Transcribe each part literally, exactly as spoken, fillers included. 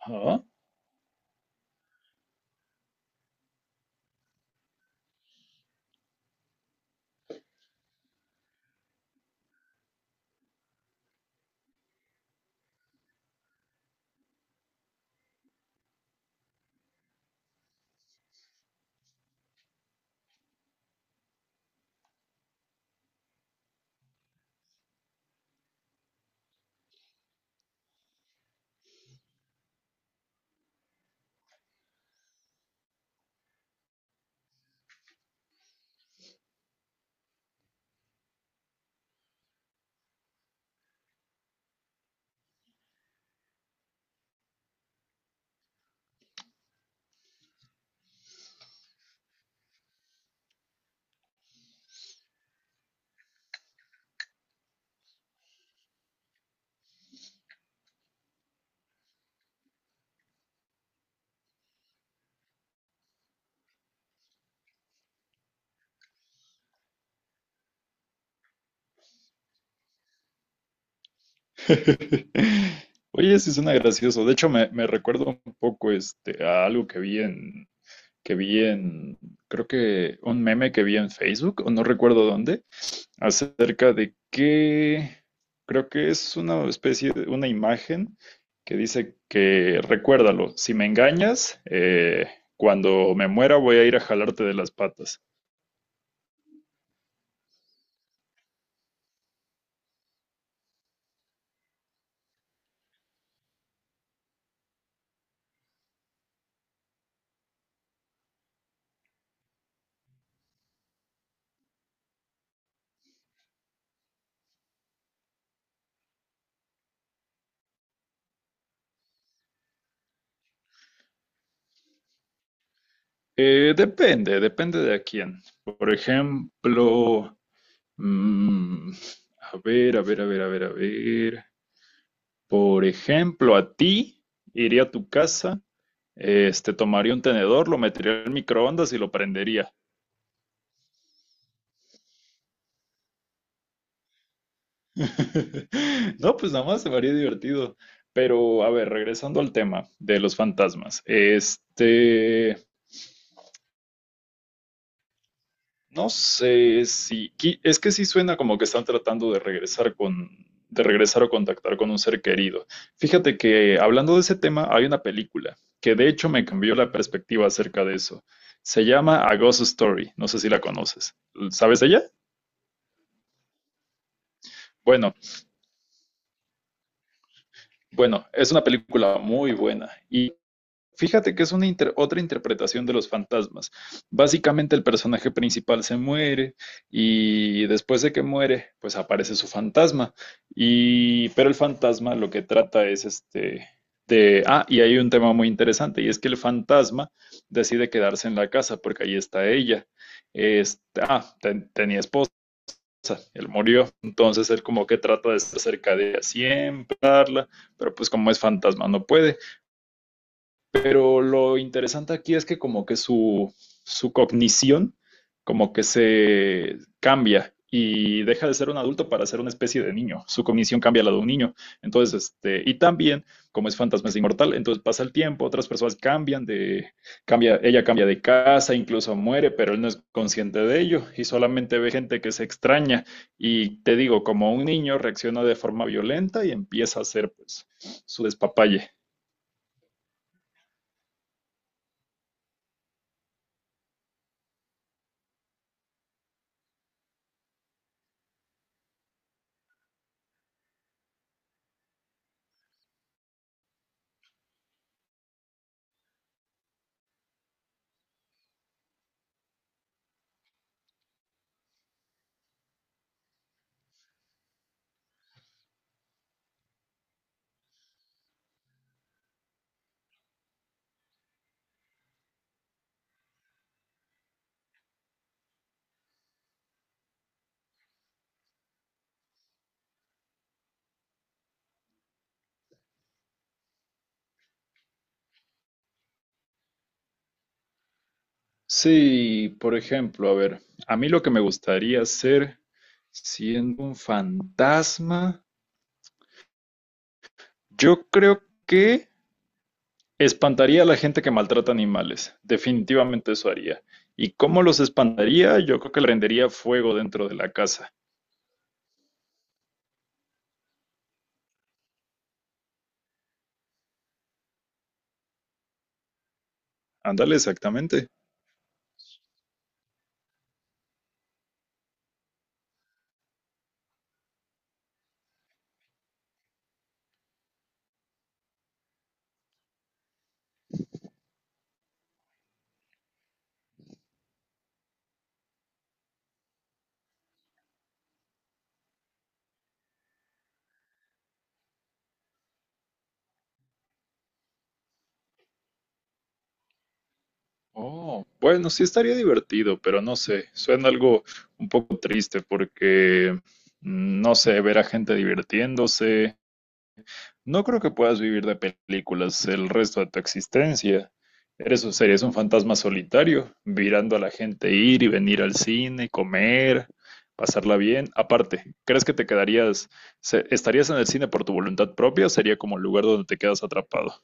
Ajá. Oye, sí suena gracioso. De hecho, me, me recuerda un poco este, a algo que vi en, que vi en, creo que un meme que vi en Facebook, o no recuerdo dónde, acerca de que, creo que es una especie de, una imagen que dice que, recuérdalo, si me engañas, eh, cuando me muera voy a ir a jalarte de las patas. Eh, depende, depende de a quién. Por ejemplo... Mm, a ver, a ver, a ver, a ver, a ver. Por ejemplo, a ti iría a tu casa, este, tomaría un tenedor, lo metería al microondas y lo prendería. No, pues nada más se me haría divertido. Pero, a ver, regresando al tema de los fantasmas. Este, No sé si, qui- es que sí suena como que están tratando de regresar con, de regresar o contactar con un ser querido. Fíjate que hablando de ese tema, hay una película que de hecho me cambió la perspectiva acerca de eso. Se llama A Ghost Story, no sé si la conoces. ¿Sabes de ella? Bueno, bueno, es una película muy buena y fíjate que es una inter- otra interpretación de los fantasmas. Básicamente el personaje principal se muere y después de que muere, pues aparece su fantasma. Y pero el fantasma lo que trata es este de ah, y hay un tema muy interesante y es que el fantasma decide quedarse en la casa porque ahí está ella. Este, ah, ten- tenía esposa, él murió, entonces él como que trata de estar cerca de ella siempre, hablarla, pero pues como es fantasma no puede. Pero lo interesante aquí es que como que su, su cognición como que se cambia y deja de ser un adulto para ser una especie de niño. Su cognición cambia a la de un niño. Entonces, este, y también, como es fantasma, es inmortal, entonces pasa el tiempo, otras personas cambian de, cambia, ella cambia de casa, incluso muere, pero él no es consciente de ello y solamente ve gente que se extraña. Y te digo, como un niño reacciona de forma violenta y empieza a hacer pues, su despapalle. Sí, por ejemplo, a ver, a mí lo que me gustaría hacer siendo un fantasma, yo creo que espantaría a la gente que maltrata animales. Definitivamente eso haría. ¿Y cómo los espantaría? Yo creo que le rendería fuego dentro de la casa. Ándale, exactamente. Oh, bueno, sí estaría divertido, pero no sé, suena algo un poco triste porque, mm, no sé, ver a gente divirtiéndose. No creo que puedas vivir de películas el resto de tu existencia. Eres, o serías un fantasma solitario, mirando a la gente ir y venir al cine, comer, pasarla bien. Aparte, ¿crees que te quedarías, se- estarías en el cine por tu voluntad propia o sería como el lugar donde te quedas atrapado?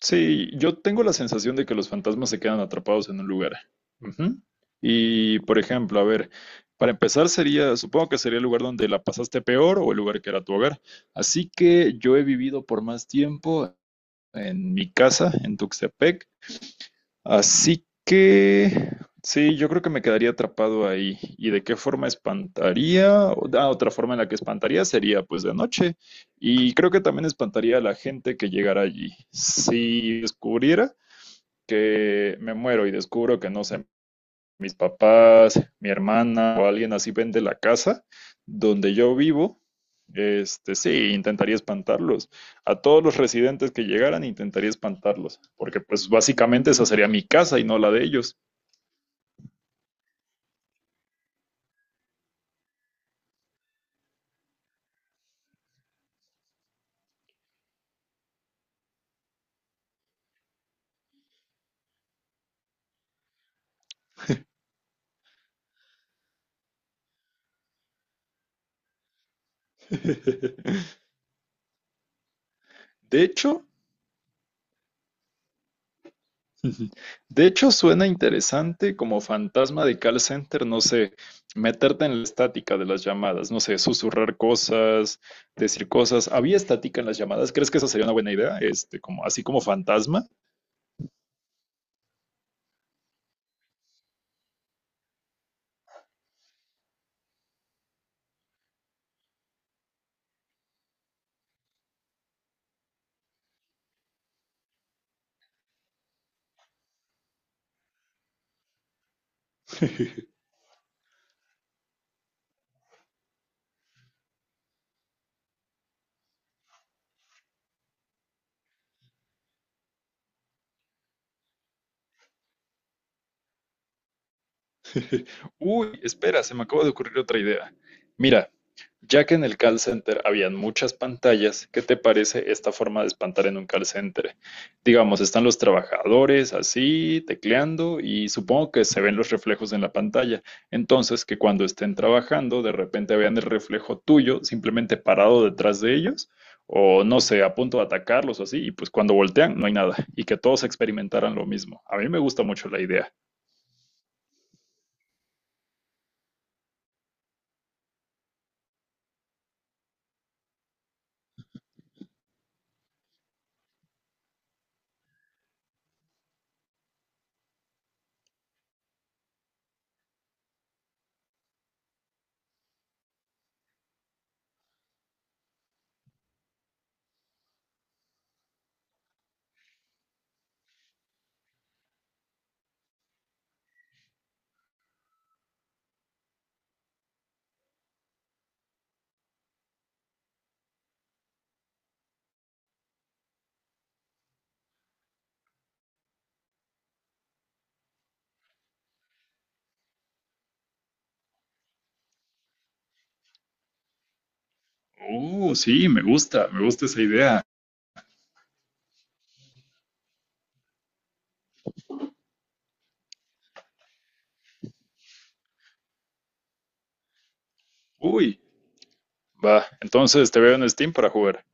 Sí, yo tengo la sensación de que los fantasmas se quedan atrapados en un lugar. Ujú. Y, por ejemplo, a ver, para empezar sería, supongo que sería el lugar donde la pasaste peor o el lugar que era tu hogar. Así que yo he vivido por más tiempo en mi casa, en Tuxtepec. Así que, sí, yo creo que me quedaría atrapado ahí. ¿Y de qué forma espantaría? O- Ah, otra forma en la que espantaría sería pues de noche. Y creo que también espantaría a la gente que llegara allí. Si descubriera que me muero y descubro que no sé, mis papás, mi hermana o alguien así vende la casa donde yo vivo, este, sí, intentaría espantarlos. A todos los residentes que llegaran, intentaría espantarlos, porque pues básicamente esa sería mi casa y no la de ellos. De hecho, de hecho suena interesante como fantasma de call center, no sé, meterte en la estática de las llamadas, no sé, susurrar cosas, decir cosas. ¿Había estática en las llamadas? ¿Crees que esa sería una buena idea? Este, como, así como fantasma. Uy, espera, se me acaba de ocurrir otra idea. Mira, ya que en el call center habían muchas pantallas, ¿qué te parece esta forma de espantar en un call center? Digamos, están los trabajadores así, tecleando, y supongo que se ven los reflejos en la pantalla. Entonces, que cuando estén trabajando, de repente vean el reflejo tuyo simplemente parado detrás de ellos, o no sé, a punto de atacarlos o así, y pues cuando voltean no hay nada, y que todos experimentaran lo mismo. A mí me gusta mucho la idea. Uh, sí, me gusta, me gusta esa idea. Uy, va, entonces te veo en Steam para jugar.